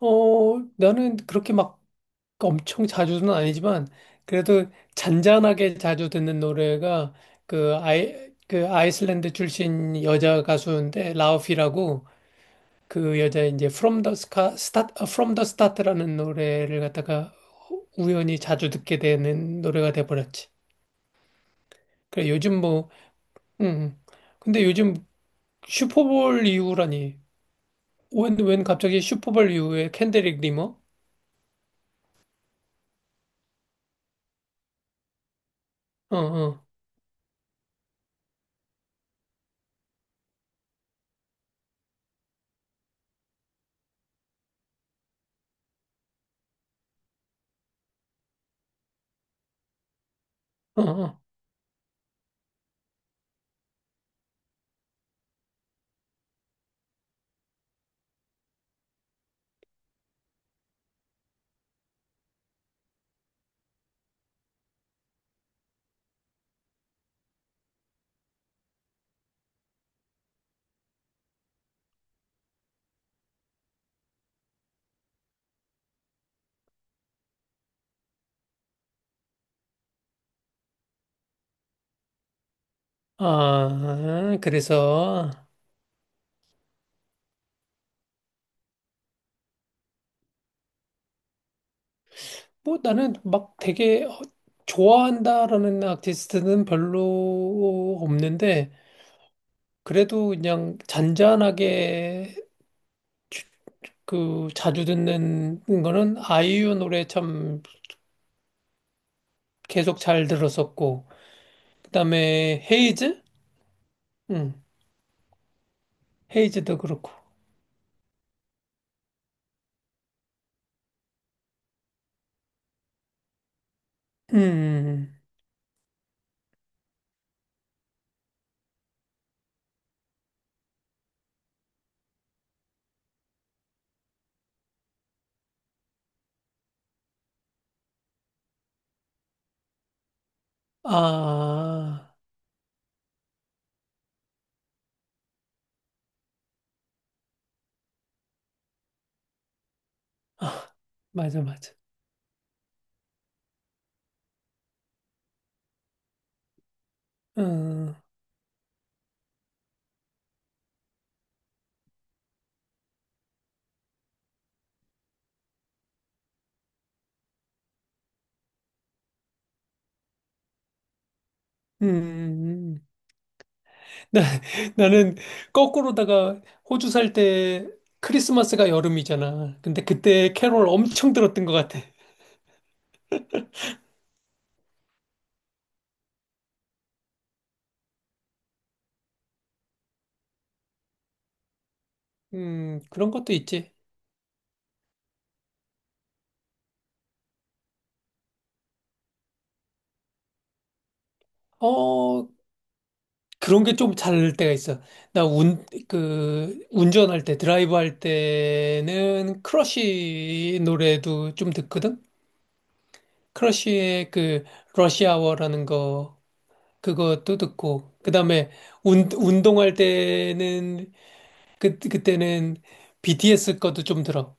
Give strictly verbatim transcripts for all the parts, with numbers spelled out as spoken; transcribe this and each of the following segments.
어, 나는 그렇게 막 엄청 자주는 아니지만, 그래도 잔잔하게 자주 듣는 노래가 그 아이, 그 아이슬란드 출신 여자 가수인데, 라우피라고 그 여자 이제 From the Sca- Start, 아, From the Start라는 노래를 갖다가 우연히 자주 듣게 되는 노래가 돼버렸지. 그래, 요즘 뭐, 음, 근데 요즘 슈퍼볼 이후라니. 웬, 웬 갑자기 슈퍼볼 이후에 캔드릭 리머? 어, 어, 어, 어. 아, 그래서 뭐 나는 막 되게 어, 좋아한다라는 아티스트는 별로 없는데 그래도 그냥 잔잔하게 주- 그 자주 듣는 거는 아이유 노래 참 계속 잘 들었었고 그다음에 헤이즈? 응. 헤이즈도 그렇고. 음. 아. 아, 맞아 맞아. 어, 음. 음. 음. 나, 나는 거꾸로다가 호주 살 때 크리스마스가 여름이잖아. 근데 그때 캐롤 엄청 들었던 것 같아. 음, 그런 것도 있지. 어, 그런 게 좀 잘 때가 있어. 나 운, 그, 운전할 때, 드라이브 할 때는 크러쉬 노래도 좀 듣거든? 크러쉬의 그, 러시아워라는 거, 그것도 듣고, 그 다음에 운, 운동할 때는 그, 그때는 비티에스 것도 좀 들어.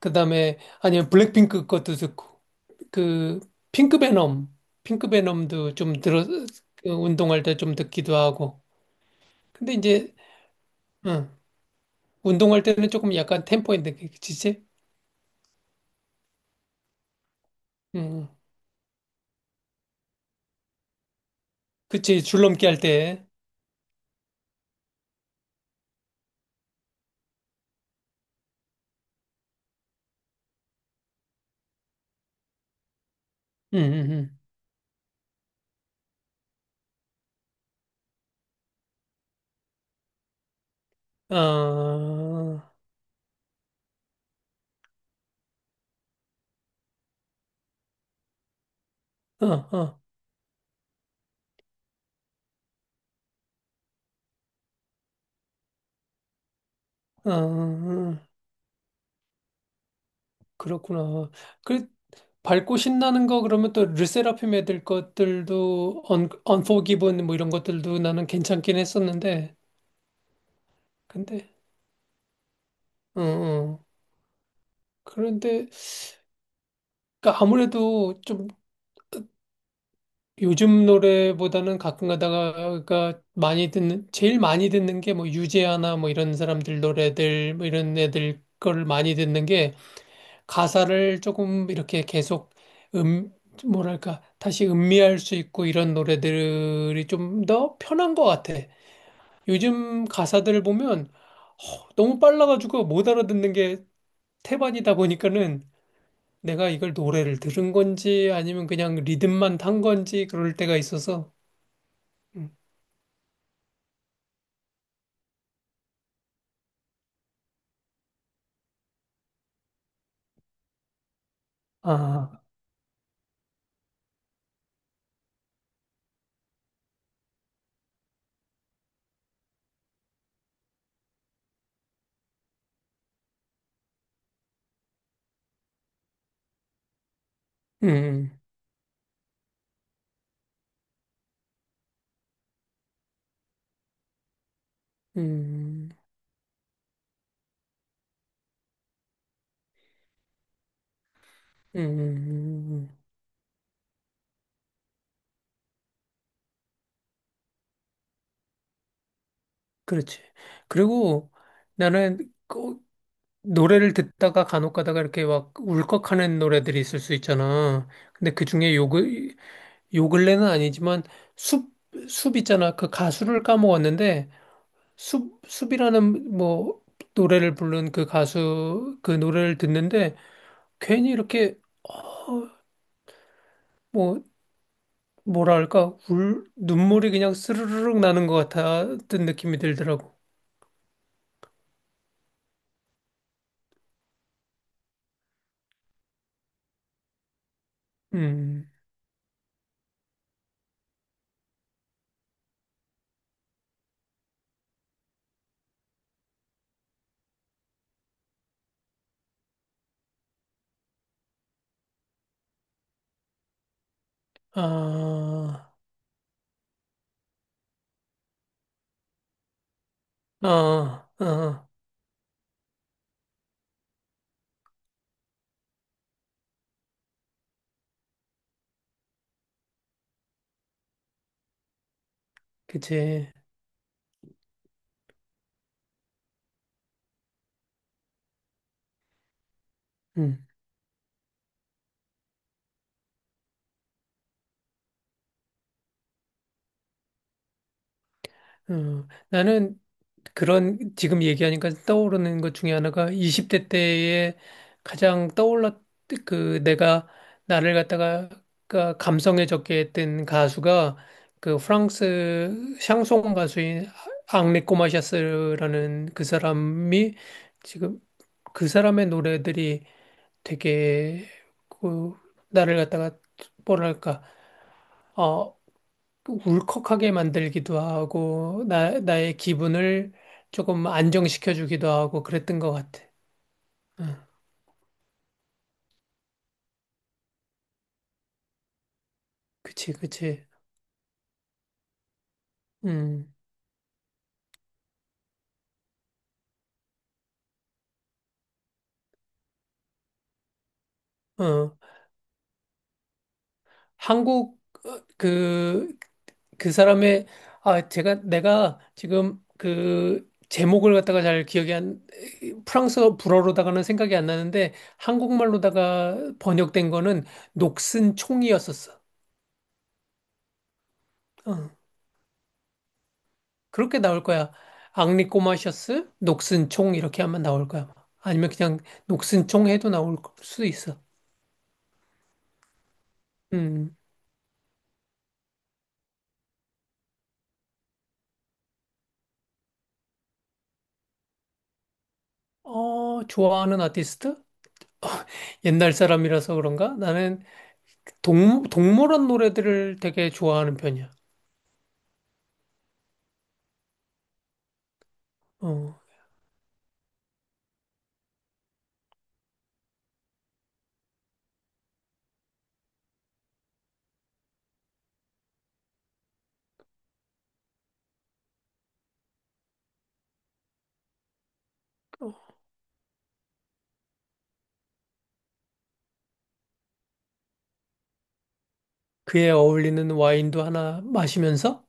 그 다음에, 아니면 블랙핑크 것도 듣고, 그, 핑크베놈, 핑크베놈도 좀 들어, 그 운동할 때 좀 듣기도 하고. 근데 이제, 응, 운동할 때는 조금 약간 템포 있는 게, 그치지? 응, 그치, 줄넘기 할 때. 응, 응, 응. 아, 어, 어, 어, 어, 어. 그렇구나. 그, 밝고 신나는 거 그러면 또 르세라핌 애들 것들도 언 언포기븐 뭐 이런 것들도 나는 괜찮긴 했었는데 근데 어, 어. 그런데 그러니까 아무래도 좀 요즘 노래보다는 가끔 가다가 많이 듣는 제일 많이 듣는 게 뭐 유재하나 뭐 이런 사람들 노래들 뭐 이런 애들 걸 많이 듣는 게 가사를 조금 이렇게 계속 음 뭐랄까 다시 음미할 수 있고 이런 노래들이 좀 더 편한 것 같아. 요즘 가사들을 보면 허, 너무 빨라가지고 못 알아듣는 게 태반이다 보니까는 내가 이걸 노래를 들은 건지 아니면 그냥 리듬만 탄 건지 그럴 때가 있어서. 음. 아, 음, 음, 음, 음, 음, 음. 그렇지. 그리고 나는 그 노래를 듣다가 간혹 가다가 이렇게 막 울컥하는 노래들이 있을 수 있잖아. 근데 그 중에 요, 근- 요 근래는 아니지만 숲, 숲 있잖아. 그 가수를 까먹었는데 숲, 숲이라는 뭐 노래를 부른 그 가수 그 노래를 듣는데 괜히 이렇게 뭐 뭐랄까 울 눈물이 그냥 스르르륵 나는 것 같았던 느낌이 들더라고. 음. 아, 아, 아, 그치. 음, 음. 나는 그런 지금 얘기하니까 떠오르는 것 중에 하나가 이십 대 때에 가장 떠올랐 그 내가 나를 갖다가 가- 감성해졌게 했던 가수가 그 프랑스 샹송 가수인 앙리 꼬마샤스라는 그 사람이 지금 그 사람의 노래들이 되게 그 나를 갖다가 뭐랄까 어, 울컥하게 만들기도 하고, 나, 나의 기분을 조금 안정시켜주기도 하고 그랬던 것 같아. 어, 그치, 그치. 음, 어, 한국, 어, 그, 그 사람의, 아, 제가, 내가 지금 그 제목을 갖다가 잘 기억이 안, 프랑스어 불어로다가는 생각이 안 나는데, 한국말로다가 번역된 거는 녹슨 총이었었어. 어. 그렇게 나올 거야. 앙리 꼬마셔스, 녹슨 총 이렇게 하면 나올 거야. 아니면 그냥 녹슨 총 해도 나올 수도 있어. 음. 어, 좋아하는 아티스트? 옛날 사람이라서 그런가? 나는 동, 동물원 노래들을 되게 좋아하는 편이야. 어, 그에 어울리는 와인도 하나 마시면서